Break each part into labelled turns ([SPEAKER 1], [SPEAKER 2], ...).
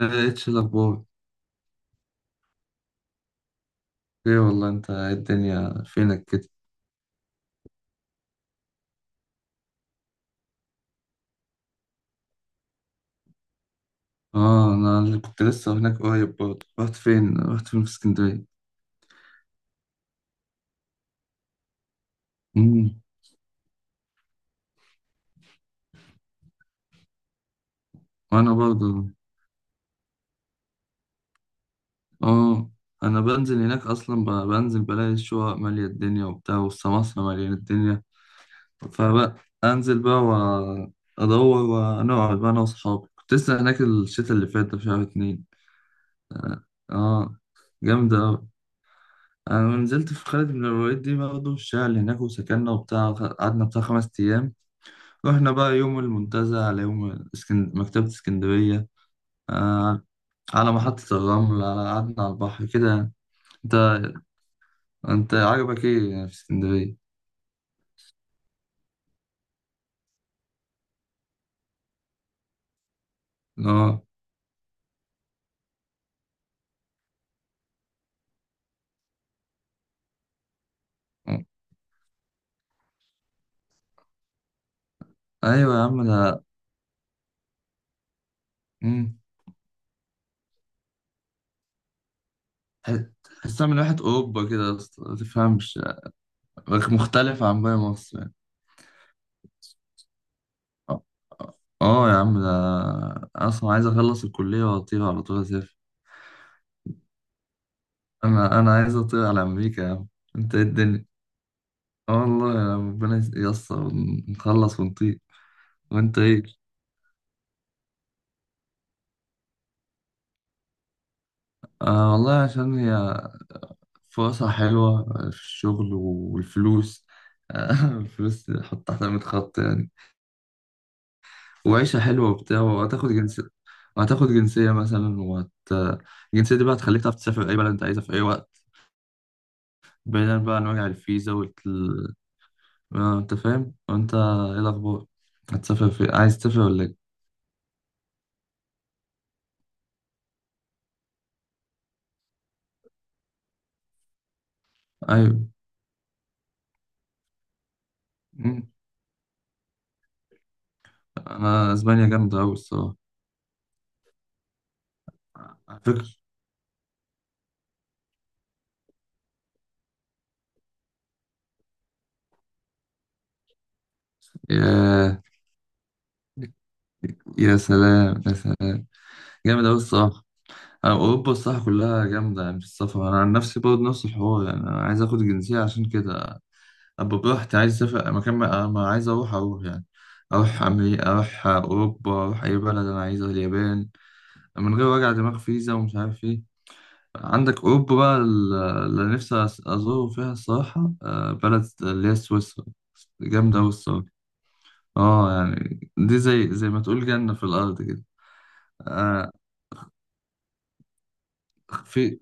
[SPEAKER 1] ايش الاخبار؟ ايه والله، انت إيه الدنيا فينك كده؟ اه، انا اللي كنت لسه هناك قريب برضه. رحت فين في اسكندريه. امم. وانا برضه. اه، انا بنزل هناك اصلا، بنزل بلاقي الشقق ماليه الدنيا وبتاع، والسماسره ماليه الدنيا. فبقى انزل بقى، وادور ونقعد بقى انا واصحابي. كنت لسه هناك الشتا اللي فات ده في شهر اتنين. اه، آه، جامده أوي. أنا لما نزلت في خالد بن الوليد دي برضه الشغل هناك وسكننا وبتاع، قعدنا بتاع خمس أيام. رحنا بقى يوم المنتزه، على يوم مكتبة اسكندرية، آه، على محطة الرمل، على قعدنا على البحر كده. أنت، أنت عجبك إيه يعني في اسكندرية؟ آه، أيوة يا عم ده. مم. تحسها من واحد أوروبا كده يا اسطى، ما تفهمش. مختلف عن باقي مصر يعني. آه، آه يا عم ده. أنا أصلا عايز أخلص الكلية وأطير على طول. انا عايز اطير على امريكا يا عم. انت ايه الدنيا؟ اه والله، يا ربنا ييسر ونخلص ونطير. وانت ايه؟ آه والله عشان هي فرصة حلوة في الشغل والفلوس. آه الفلوس حط تحت 100 خط يعني. وعيشة حلوة وبتاع، وهتاخد جنسية، وهتاخد جنسية مثلا، وهت، الجنسية دي بقى هتخليك تعرف تسافر أي بلد أنت عايزها في أي وقت. بعيدا بقى عن وجع الفيزا وال، آه، أنت فاهم؟ وأنت إيه الأخبار؟ هتسافر، في عايز تسافر ولا إيه؟ أيوه، انا اسبانيا جامده قوي الصراحه. على فكره. يا، يا سلام يا سلام. جامد قوي الصراحه. أنا اوروبا الصراحه كلها جامده يعني في السفر. انا عن نفسي برضه نفس الحوار يعني، انا عايز اخد الجنسيه عشان كده ابقى براحتي. عايز اسافر مكان ما، ما عايز، اروح يعني. اروح امريكا، اروح اوروبا، اروح اي بلد انا عايزها، اليابان. من غير وجع دماغ فيزا، ومش عارف ايه. عندك اوروبا بقى، اللي نفسي ازوره فيها الصراحه، آه، بلد اللي هي سويسرا. جامده قوي الصراحه. اه يعني دي زي ما تقول جنة في الأرض كده. آه، في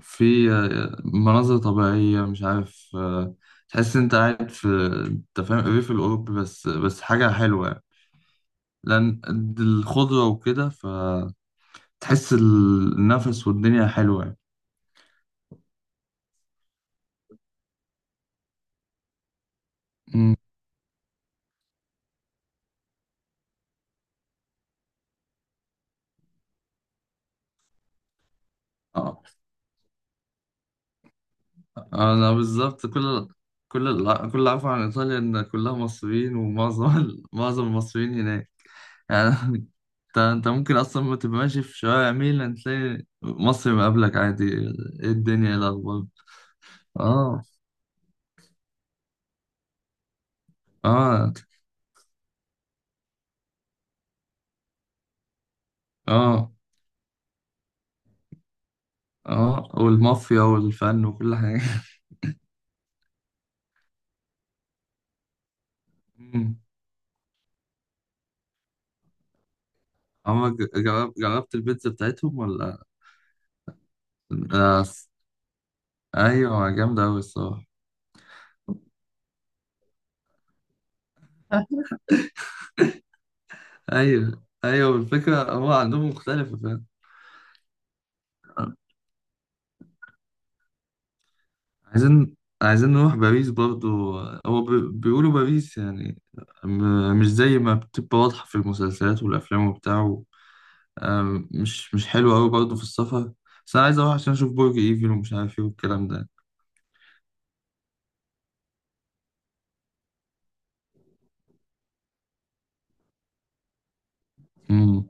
[SPEAKER 1] في آه، مناظر طبيعية، مش عارف. آه، تحس انت قاعد في، انت فاهم الريف الأوروبي، بس حاجة حلوة يعني. لأن الخضرة وكده، فتحس النفس والدنيا حلوة يعني. أمم. آه. أنا بالظبط، كل، كل اللي أعرفه عن إيطاليا إن كلها مصريين، ومعظم معظم المصريين هناك يعني. انت ممكن اصلا ما تبقى ماشي في شوارع ميلان، تلاقي مصر مقابلك عادي. ايه الدنيا؟ ايه الاخبار؟ اه، اه، اه، اه والمافيا والفن وكل حاجه. مم. عمرك جرب، جربت البيتزا بتاعتهم ولا لا. ايوه جامده قوي الصراحه. ايوه، ايوه الفكره هو عندهم مختلفه فاهم. عايزين عايزين نروح باريس برضو. هو بيقولوا باريس يعني مش زي ما بتبقى واضحة في المسلسلات والأفلام وبتاع. آم، مش حلو قوي برضه في السفر. بس انا عايز اروح عشان اشوف برج ايفل ومش عارف ايه والكلام ده. امم.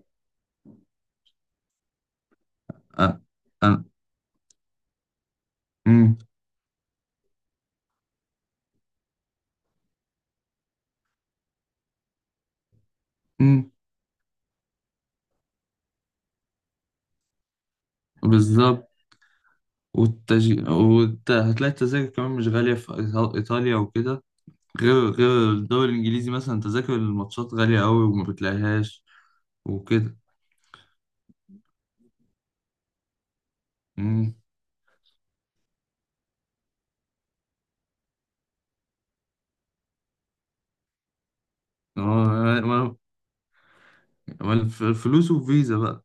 [SPEAKER 1] آه، آه. امم. امم. بالظبط. هتلاقي التذاكر كمان مش غالية في إيطاليا وكده. غير الدوري الإنجليزي مثلا تذاكر الماتشات غالية قوي وما بتلاقيهاش وكده. امم. اه. ما- ما- الفلوس وفيزا بقى.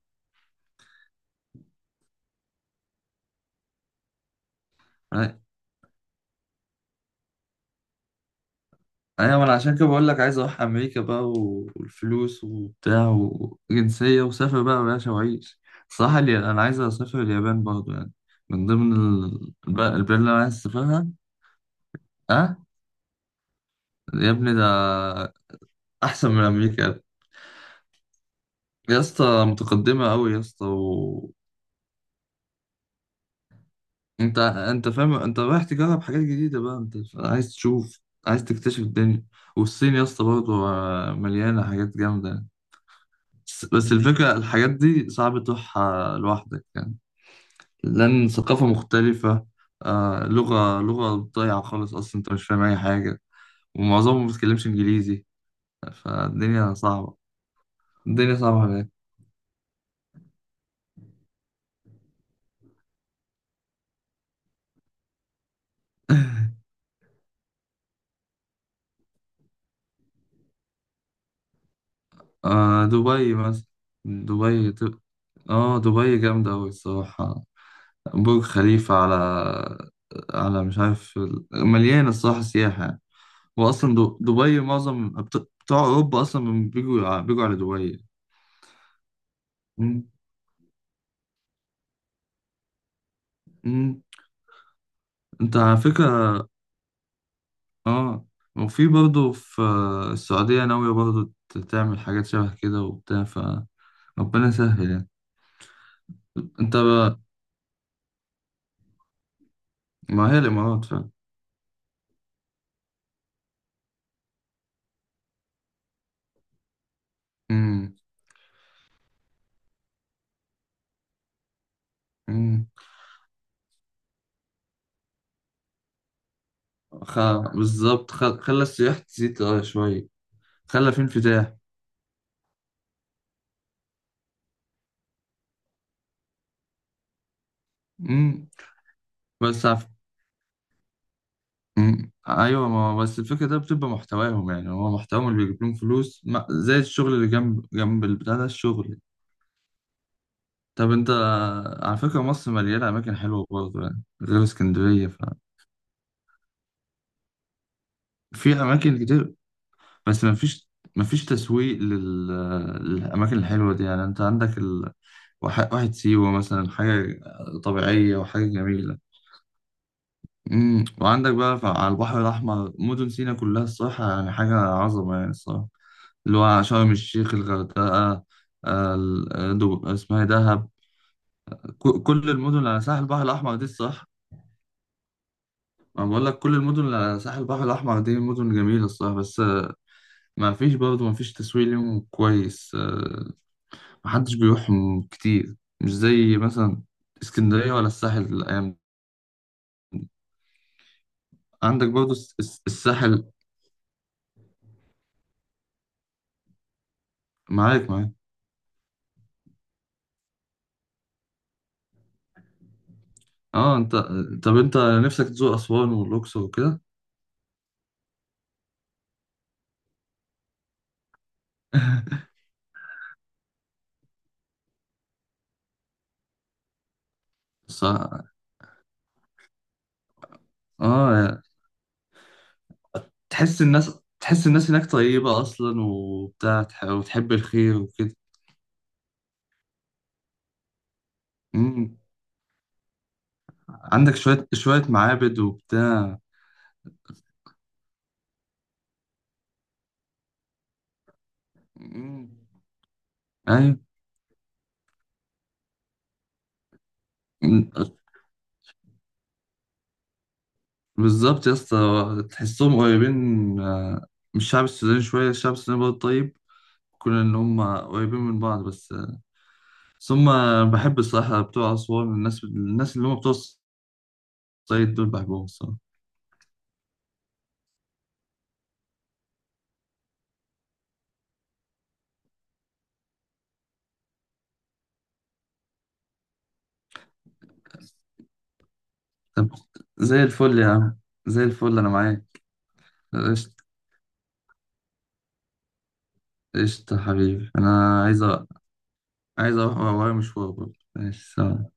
[SPEAKER 1] ايوه ما انا عشان كده بقول لك عايز اروح امريكا بقى، والفلوس وبتاع، وجنسيه، وسافر بقى يا باشا وعيش. صح لي، انا عايز اسافر اليابان برضه يعني، من ضمن البلاد اللي انا عايز اسافرها. اه، يا ابني ده احسن من امريكا. يا اسطى متقدمه قوي يا اسطى و... انت فاهم انت رايح تجرب حاجات جديده بقى، انت عايز تشوف، عايز تكتشف الدنيا. والصين يا اسطى برضه آه، مليانه حاجات جامده يعني. بس الفكرة الحاجات دي صعب تروحها لوحدك يعني، لأن ثقافة مختلفة. آه، لغة ضايعة خالص، أصلا أنت مش فاهم أي حاجة، ومعظمهم ما بيتكلمش إنجليزي. فالدنيا صعبة. الدنيا صعبة هناك. آه، دبي مثلا. دبي اه دبي جامدة أوي الصراحة. برج خليفة على، على، مش عارف، مليانة الصراحة سياحة يعني. وأصلا دبي معظم بتوع أوروبا أصلا بيجوا على دبي. مم. انت على فكرة. اه، وفي برضه في السعودية، ناوية برضه تعمل حاجات شبه كده وبتاع، فربنا يسهل يعني. انت بقى. ما هي الإمارات فعلا. مم. مم. خ... بالظبط، خلى السياح تزيد اه شوية. خلى في انفتاح. مم. بس عف... مم. ايوه ما هو بس الفكرة ده بتبقى محتواهم يعني، هو محتواهم اللي بيجيب لهم فلوس، ما... زي الشغل اللي جنب جنب البتاع ده الشغل. طب انت، على فكرة مصر مليانة أماكن حلوة برضه يعني غير اسكندرية. ففي أماكن كتير، بس مفيش تسويق للأماكن الحلوة دي يعني. انت عندك ال... واحد واحد سيوة مثلا، حاجة طبيعية وحاجة جميلة. امم. وعندك بقى على البحر الأحمر، مدن سيناء كلها الصراحة يعني حاجة عظمة يعني الصراحة، اللي هو شرم الشيخ، الغردقة، آه، اسمها إيه، دهب، كل المدن اللي على ساحل البحر الأحمر دي الصراحة. ما بقول لك، كل المدن اللي على ساحل البحر الأحمر دي مدن جميلة الصراحة، بس آه، ما فيش برضه، ما فيش تسويق ليهم كويس، آه، ما حدش بيروحهم كتير، مش زي مثلا اسكندرية ولا الساحل الأيام دي. عندك برضه الساحل. معاك معاك. اه انت، طب انت نفسك تزور أسوان والأقصر وكده. صح. اه، تحس الناس، تحس الناس هناك طيبة أصلا وبتاع، وتحب الخير وكده. مم. عندك شوية شوية معابد وبتاع. مم. أيوة، بالظبط يا اسطى، تحسهم قريبين، آه، من الشعب السوداني شوية، الشعب السوداني برضه طيب كون إن هم قريبين من بعض، بس آه، بس هم بحب الصراحة بتوع أسوان، الناس، الناس اللي هم بتوع الصعيد دول بحبهم الصراحة. طب، زي الفل يا عم، زي الفل أنا معاك. قشطة. قشطة حبيبي، أنا عايز عايز أروح ورايا مشوار برضه. ماشي، سلام.